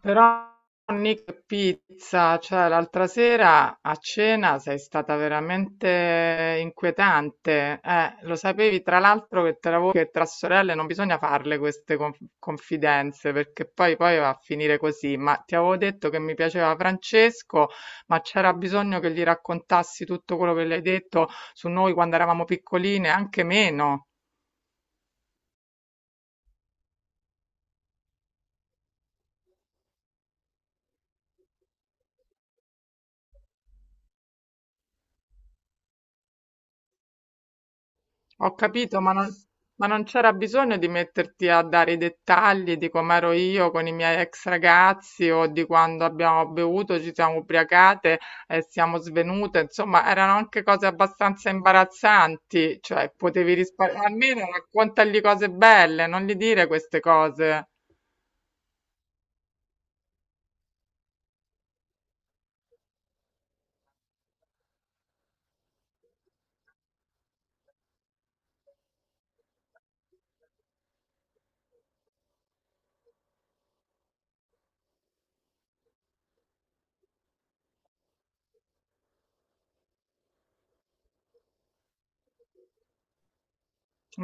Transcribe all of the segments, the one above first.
Però Nick Pizza, cioè l'altra sera a cena sei stata veramente inquietante. Lo sapevi tra l'altro che tra, voi, che tra sorelle non bisogna farle queste confidenze perché poi va a finire così. Ma ti avevo detto che mi piaceva Francesco, ma c'era bisogno che gli raccontassi tutto quello che le hai detto su noi quando eravamo piccoline, anche meno. Ho capito, ma non c'era bisogno di metterti a dare i dettagli di com'ero io con i miei ex ragazzi o di quando abbiamo bevuto, ci siamo ubriacate e siamo svenute. Insomma, erano anche cose abbastanza imbarazzanti, cioè potevi risparmiare. Almeno raccontagli cose belle, non gli dire queste cose.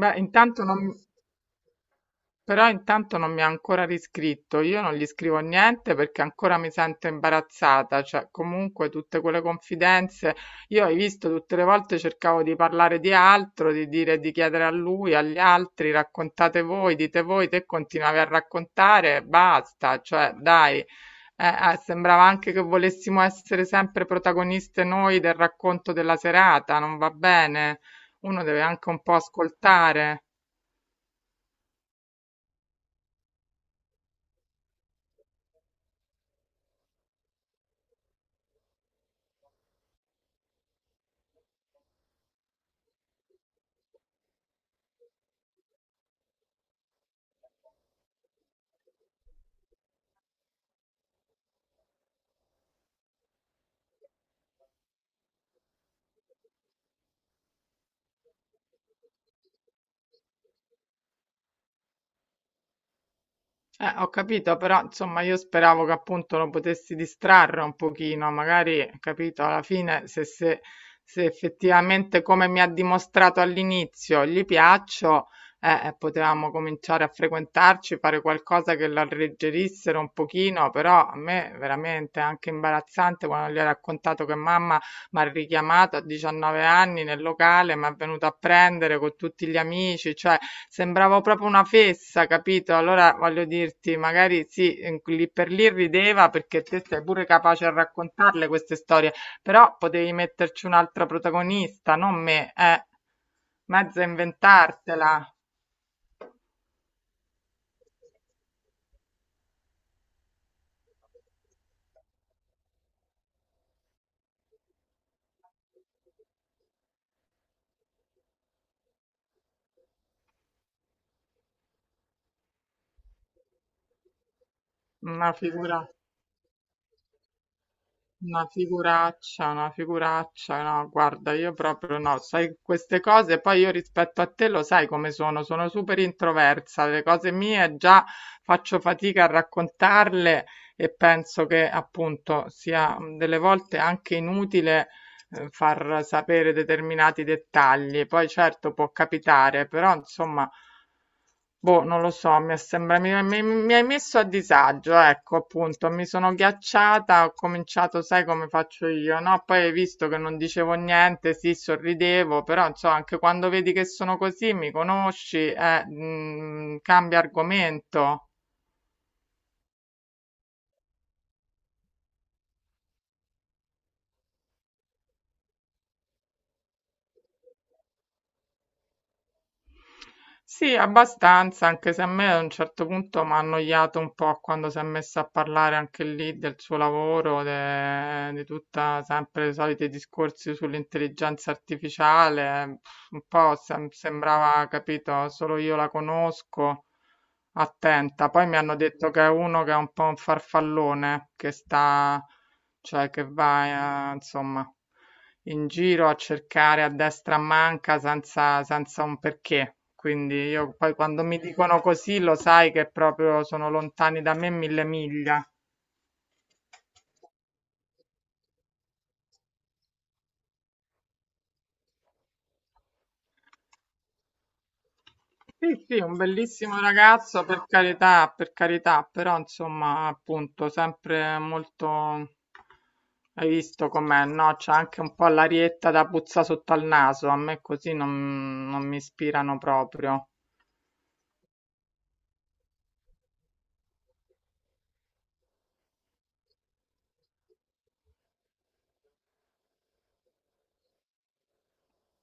Beh, intanto non, Però intanto non mi ha ancora riscritto, io non gli scrivo niente perché ancora mi sento imbarazzata, cioè comunque tutte quelle confidenze, io hai visto tutte le volte cercavo di parlare di altro, di dire, di chiedere a lui, agli altri, raccontate voi, dite voi, te continuavi a raccontare, basta, cioè dai. Sembrava anche che volessimo essere sempre protagoniste noi del racconto della serata, non va bene. Uno deve anche un po' ascoltare. Ho capito, però insomma io speravo che appunto lo potessi distrarre un pochino, magari, capito, alla fine se effettivamente come mi ha dimostrato all'inizio gli piaccio, potevamo cominciare a frequentarci, fare qualcosa che lo alleggerissero un pochino, però a me veramente è anche imbarazzante quando gli ho raccontato che mamma m'ha richiamato a 19 anni nel locale, m'ha venuto a prendere co' tutti gli amici, cioè sembravo proprio una fessa, capito? Allora voglio dirti, magari sì, lì per lì rideva perché te sei pure capace a raccontarle queste storie, però potevi metterci un'altra protagonista, non me, mezza inventartela, una figura. Una figuraccia, no, guarda, io proprio no, sai queste cose, poi io rispetto a te lo sai come sono, sono super introversa, le cose mie già faccio fatica a raccontarle e penso che appunto sia delle volte anche inutile far sapere determinati dettagli. Poi certo può capitare, però insomma, boh, non lo so, mi è sembra, mi- mi hai messo a disagio, ecco, appunto, mi sono ghiacciata, ho cominciato, sai come faccio io, no? Poi hai visto che non dicevo niente, sì, sorridevo, però insomma, anche quando vedi che sono così, mi conosci, cambia argomento. Sì, abbastanza, anche se a me a un certo punto m'ha annoiato un po' quando si è messa a parlare anche lì del suo lavoro, di tutta sempre i soliti discorsi sull'intelligenza artificiale, pff, un po' sembrava, capito, solo io la conosco, attenta. Poi mi hanno detto che è uno che è un po' un farfallone, che sta, cioè che va, insomma in giro a cercare a destra a manca senza un perché. Quindi io poi quando mi dicono così lo sai che proprio sono lontani da me 1.000 miglia. Sì, sì, un bellissimo ragazzo, per carità, però insomma, appunto, sempre molto... Hai visto com'è, no? C'è anche un po' l'arietta da puzza sotto al naso, a me così non, non mi ispirano proprio.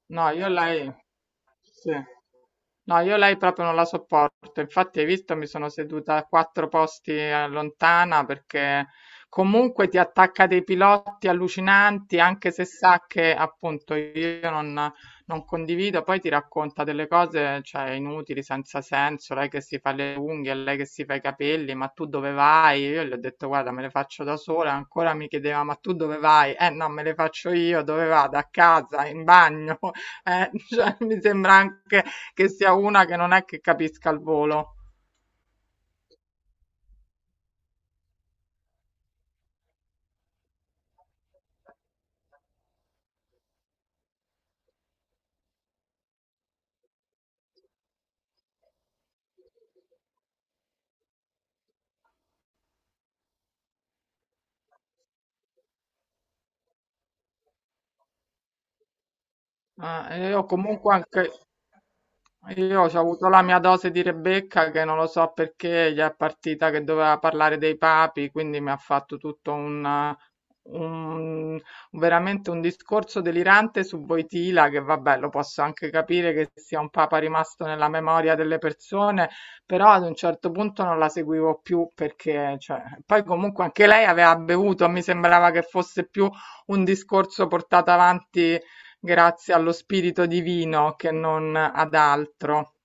No, io lei... Sì. No, io lei proprio non la sopporto. Infatti, hai visto, mi sono seduta a quattro posti lontana perché comunque ti attacca dei pilotti allucinanti, anche se sa che appunto io non, non condivido. Poi ti racconta delle cose, cioè, inutili, senza senso. Lei che si fa le unghie, lei che si fa i capelli, ma tu dove vai? Io gli ho detto, guarda, me le faccio da sola. Ancora mi chiedeva, ma tu dove vai? Eh no, me le faccio io, dove vado? A casa, in bagno. Cioè, mi sembra anche che sia una che non è che capisca il volo. Ma io comunque anche Io ho avuto la mia dose di Rebecca che non lo so perché gli è partita che doveva parlare dei papi, quindi mi ha fatto un- veramente un discorso delirante su Voitila, che vabbè, lo posso anche capire che sia un papa rimasto nella memoria delle persone, però ad un certo punto non la seguivo più perché cioè, poi comunque anche lei aveva bevuto, mi sembrava che fosse più un discorso portato avanti grazie allo spirito divino che non ad altro.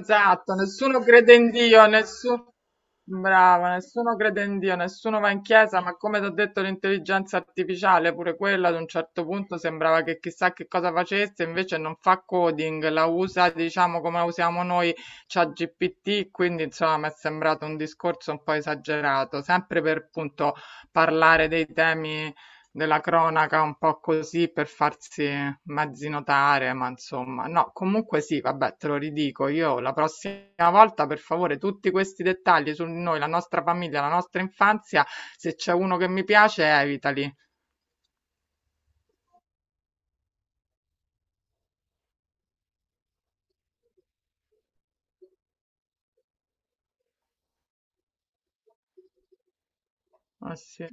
Esatto, nessuno crede in Dio, nessuno... Brava, nessuno crede in Dio, nessuno va in chiesa, ma come ti ho detto l'intelligenza artificiale, pure quella ad un certo punto sembrava che chissà che cosa facesse, invece non fa coding, la usa diciamo come la usiamo noi, c'ha GPT, quindi insomma mi è sembrato un discorso un po' esagerato, sempre per appunto parlare dei temi della cronaca un po' così per farsi mezzi notare, ma insomma, no, comunque sì, vabbè, te lo ridico io la prossima volta, per favore, tutti questi dettagli su noi, la nostra famiglia, la nostra infanzia, se c'è uno che mi piace, evitali. Ah, sì.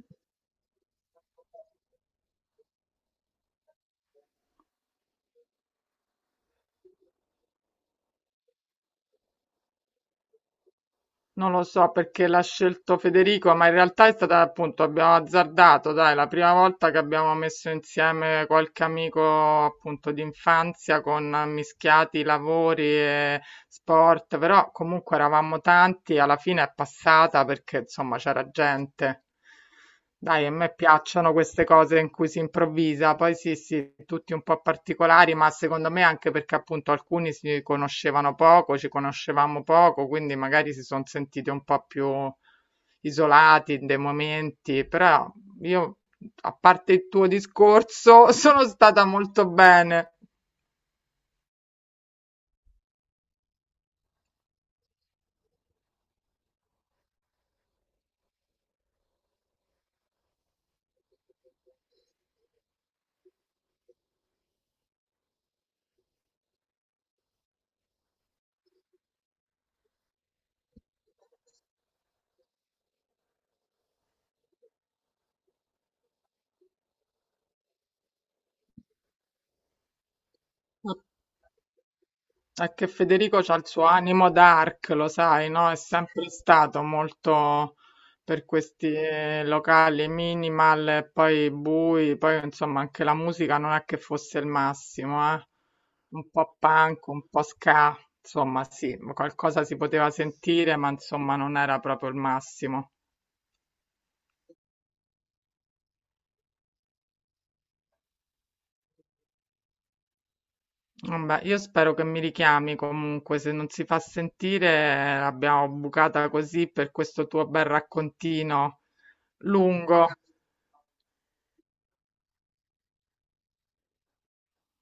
Non lo so perché l'ha scelto Federico, ma in realtà è stata appunto, abbiamo azzardato, dai, la prima volta che abbiamo messo insieme qualche amico appunto di infanzia con mischiati lavori e, sport, però comunque eravamo tanti, alla fine è passata perché insomma c'era gente. Dai, a me piacciono queste cose in cui si improvvisa, poi sì, sì, tutti un po' particolari, ma secondo me anche perché appunto alcuni si conoscevano poco, ci conoscevamo poco, quindi magari si sono sentiti un po' più isolati in dei momenti, però io, a parte il tuo discorso, sono stata molto bene. È che Federico c'ha il suo animo dark, lo sai, no? È sempre stato molto per questi locali minimal, e poi bui, poi insomma anche la musica non è che fosse il massimo, eh? Un po' punk, un po' ska, insomma sì, qualcosa si poteva sentire, ma insomma non era proprio il massimo. Vabbè, io spero che mi richiami comunque, se non si fa sentire l'abbiamo bucata così per questo tuo bel raccontino lungo.